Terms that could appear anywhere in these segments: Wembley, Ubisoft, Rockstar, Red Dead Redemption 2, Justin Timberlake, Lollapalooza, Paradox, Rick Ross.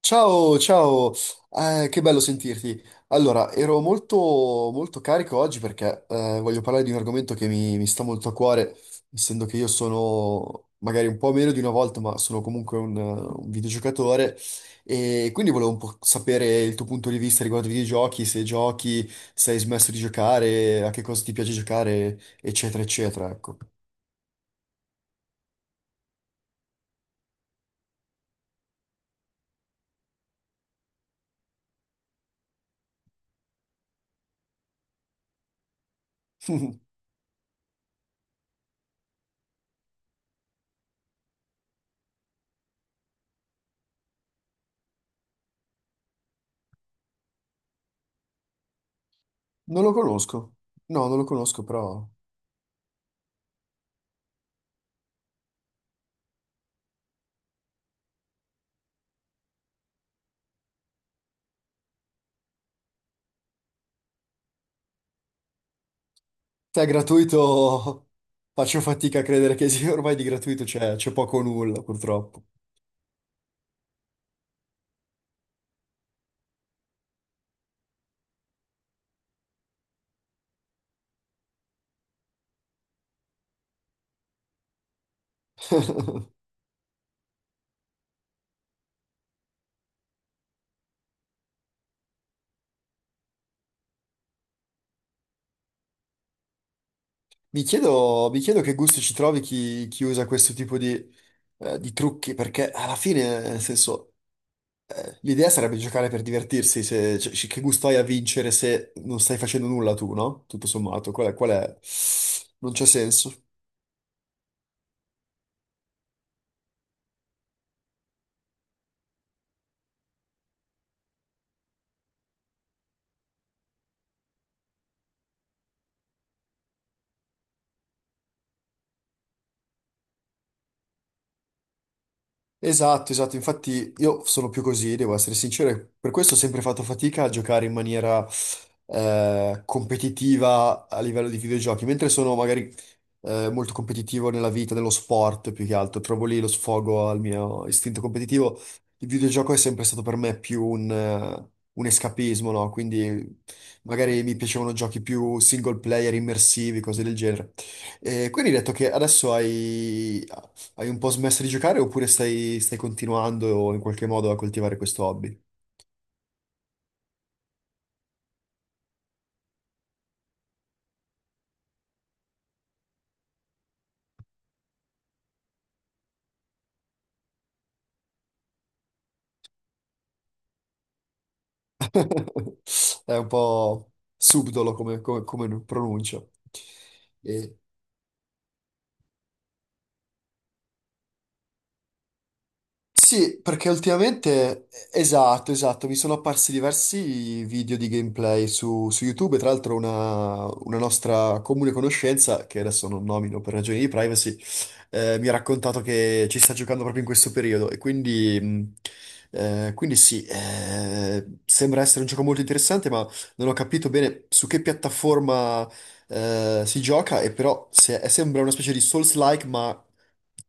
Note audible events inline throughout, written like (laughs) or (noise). Ciao, ciao. Che bello sentirti. Allora, ero molto, molto carico oggi perché voglio parlare di un argomento che mi sta molto a cuore, essendo che io sono magari un po' meno di una volta, ma sono comunque un videogiocatore e quindi volevo un po' sapere il tuo punto di vista riguardo ai videogiochi, se giochi, se hai smesso di giocare, a che cosa ti piace giocare, eccetera, eccetera, ecco. (laughs) Non lo conosco. No, non lo conosco, però... Sai, gratuito faccio fatica a credere che sia (laughs) ormai di gratuito c'è poco o nulla, purtroppo. (laughs) Mi chiedo che gusti ci trovi chi, chi usa questo tipo di trucchi, perché alla fine, nel senso, l'idea sarebbe giocare per divertirsi, se, cioè, che gusto hai a vincere se non stai facendo nulla tu, no? Tutto sommato, qual è? Non c'è senso. Esatto, esatto, infatti io sono più così, devo essere sincero, e per questo ho sempre fatto fatica a giocare in maniera competitiva a livello di videogiochi, mentre sono magari molto competitivo nella vita, nello sport più che altro. Trovo lì lo sfogo al mio istinto competitivo. Il videogioco è sempre stato per me più un escapismo, no? Quindi magari mi piacevano giochi più single player, immersivi, cose del genere. E quindi hai detto che adesso hai, hai un po' smesso di giocare oppure stai continuando in qualche modo a coltivare questo hobby? (laughs) È un po' subdolo come, come, come pronuncia. E- Sì, perché ultimamente, esatto, esatto, mi sono apparsi diversi video di gameplay su, su YouTube, e tra l'altro una nostra comune conoscenza, che adesso non nomino per ragioni di privacy, mi ha raccontato che ci sta giocando proprio in questo periodo e quindi, quindi sì, sembra essere un gioco molto interessante, ma non ho capito bene su che piattaforma, si gioca e però sembra una specie di Souls-like, ma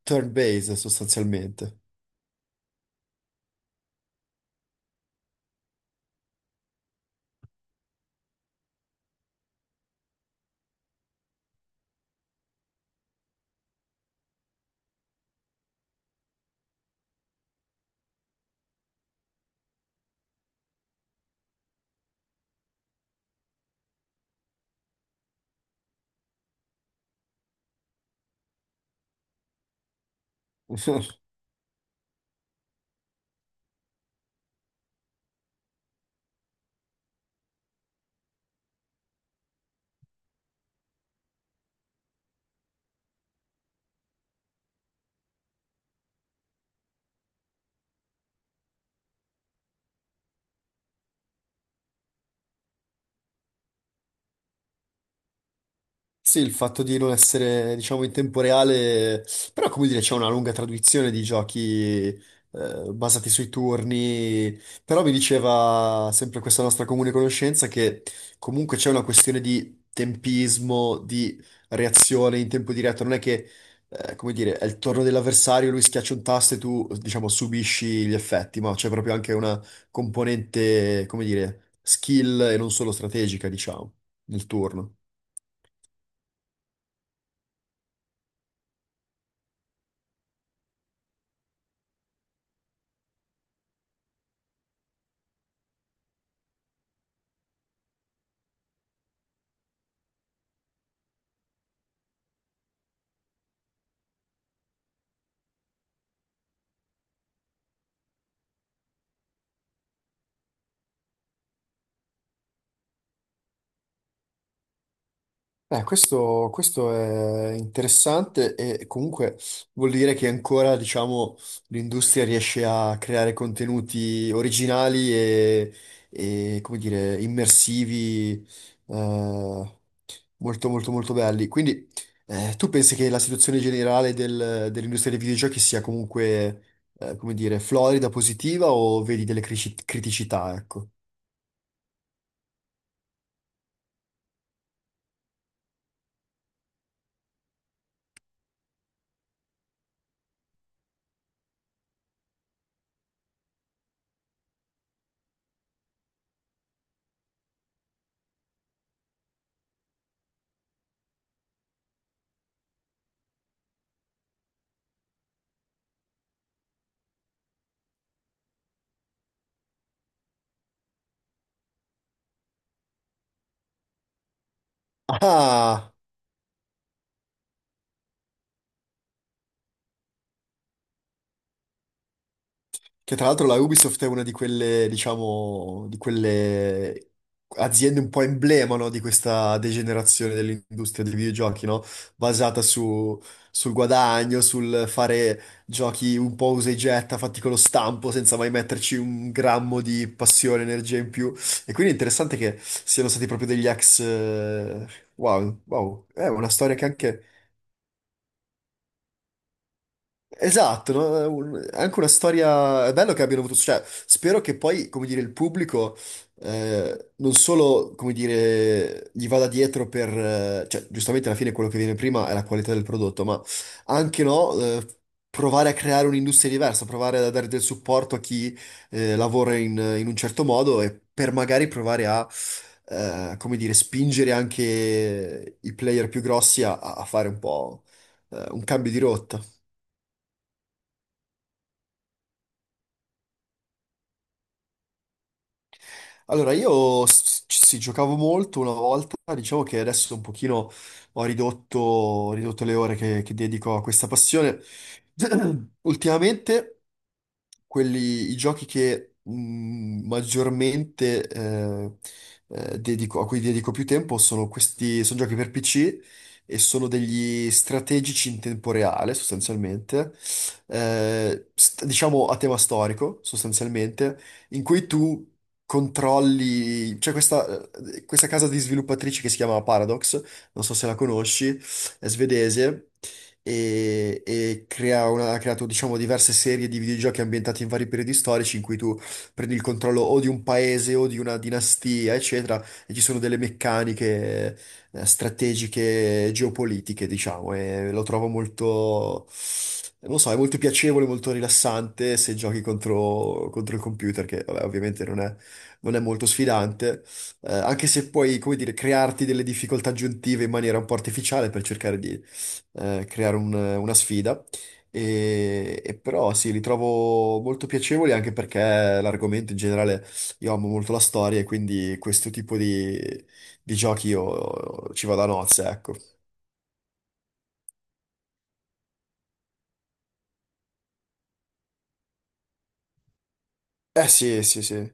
turn-based sostanzialmente. (laughs) Sì, il fatto di non essere, diciamo, in tempo reale, però come dire, c'è una lunga tradizione di giochi basati sui turni, però mi diceva sempre questa nostra comune conoscenza che comunque c'è una questione di tempismo, di reazione in tempo diretto, non è che, come dire, è il turno dell'avversario, lui schiaccia un tasto e tu, diciamo, subisci gli effetti, ma c'è proprio anche una componente, come dire, skill e non solo strategica, diciamo, nel turno. Questo è interessante e comunque vuol dire che ancora, diciamo, l'industria riesce a creare contenuti originali e, come dire, immersivi, eh, molto, molto, molto belli. Quindi, tu pensi che la situazione generale dell'industria dei videogiochi sia comunque, come dire, florida, positiva o vedi delle criticità, ecco? Ah! Che tra l'altro la Ubisoft è una di quelle, diciamo, di quelle aziende un po' emblema, no, di questa degenerazione dell'industria dei videogiochi, no? Basata su- Sul guadagno, sul fare giochi un po' usa e getta, fatti con lo stampo, senza mai metterci un grammo di passione, energia in più. E quindi è interessante che siano stati proprio degli ex... wow, wow. È una storia che anche esatto, no? È anche una storia. È bello che abbiano avuto. Cioè, spero che poi, come dire, il pubblico non solo, come dire, gli vada dietro per. Cioè, giustamente alla fine quello che viene prima è la qualità del prodotto, ma anche no, provare a creare un'industria diversa, provare a dare del supporto a chi lavora in, in un certo modo e per magari provare a. Come dire, spingere anche i player più grossi a, a fare un po' un cambio di rotta. Allora, io ci sì, giocavo molto una volta, diciamo che adesso un pochino ho ridotto le ore che dedico a questa passione. (clears throat) Ultimamente, quelli, i giochi che maggiormente dedico, a cui dedico più tempo sono questi, sono giochi per PC e sono degli strategici in tempo reale, sostanzialmente. Diciamo a tema storico, sostanzialmente in cui tu controlli, c'è questa, questa casa di sviluppatrici che si chiama Paradox, non so se la conosci, è svedese e crea ha creato diciamo diverse serie di videogiochi ambientati in vari periodi storici in cui tu prendi il controllo o di un paese o di una dinastia, eccetera, e ci sono delle meccaniche strategiche geopolitiche, diciamo, e lo trovo molto, non lo so, è molto piacevole, molto rilassante se giochi contro, contro il computer, che vabbè, ovviamente non è, non è molto sfidante, anche se puoi, come dire, crearti delle difficoltà aggiuntive in maniera un po' artificiale per cercare di creare una sfida. E però sì, li trovo molto piacevoli anche perché l'argomento in generale io amo molto la storia e quindi questo tipo di giochi io ci vado a nozze, ecco. Eh sì, sì, sì.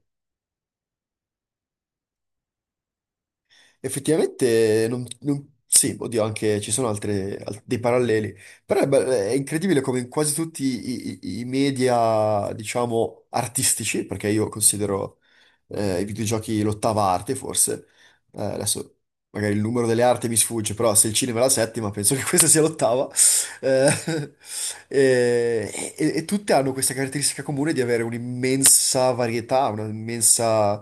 Effettivamente, sì, oddio, anche ci sono altre, dei paralleli. Però è, è incredibile come in quasi tutti i, i media, diciamo, artistici, perché io considero i videogiochi l'ottava arte, forse. Adesso magari il numero delle arti mi sfugge, però se il cinema è la settima, penso (laughs) che questa sia l'ottava. Eh, (laughs) e, e tutte hanno questa caratteristica comune di avere un'immensa varietà, un'immensa,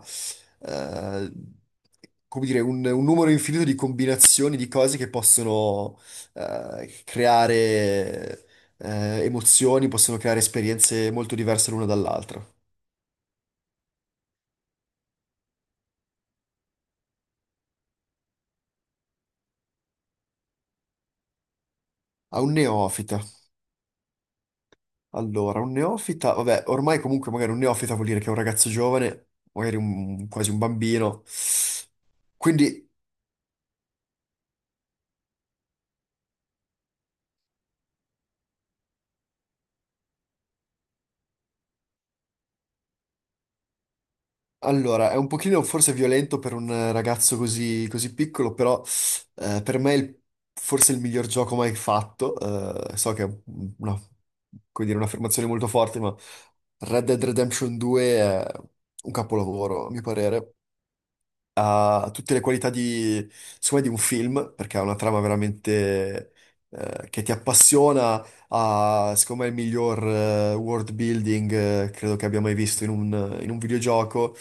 eh, come dire, un numero infinito di combinazioni di cose che possono, creare, emozioni, possono creare esperienze molto diverse l'una dall'altra. A un neofita. Allora, un neofita, vabbè, ormai comunque magari un neofita vuol dire che è un ragazzo giovane, magari quasi un bambino. Quindi allora, è un pochino forse violento per un ragazzo così, così piccolo, però per me è forse il miglior gioco mai fatto. So che è una, come dire, un'affermazione molto forte, ma Red Dead Redemption 2 è un capolavoro, a mio parere ha tutte le qualità di, secondo me, di un film, perché ha una trama veramente che ti appassiona, ha, secondo me, il miglior world building credo che abbia mai visto in un videogioco.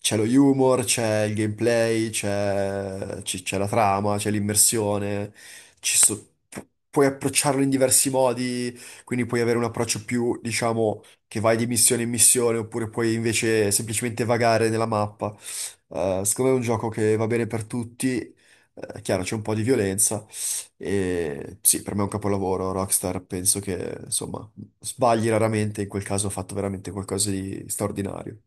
C'è lo humor, c'è il gameplay, c'è la trama, c'è l'immersione, ci so- pu- puoi approcciarlo in diversi modi, quindi puoi avere un approccio più, diciamo, che vai di missione in missione, oppure puoi invece semplicemente vagare nella mappa. Secondo me è un gioco che va bene per tutti, chiaro c'è un po' di violenza e sì, per me è un capolavoro, Rockstar penso che insomma sbagli raramente, in quel caso ha fatto veramente qualcosa di straordinario.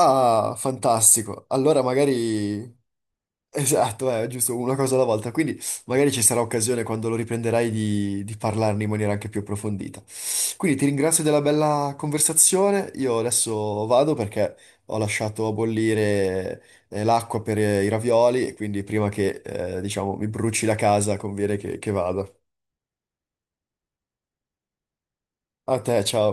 Ah, fantastico, allora magari esatto, è giusto, una cosa alla volta. Quindi magari ci sarà occasione quando lo riprenderai di parlarne in maniera anche più approfondita. Quindi ti ringrazio della bella conversazione. Io adesso vado perché ho lasciato a bollire l'acqua per i ravioli e quindi prima che diciamo mi bruci la casa conviene che vada. A te, ciao.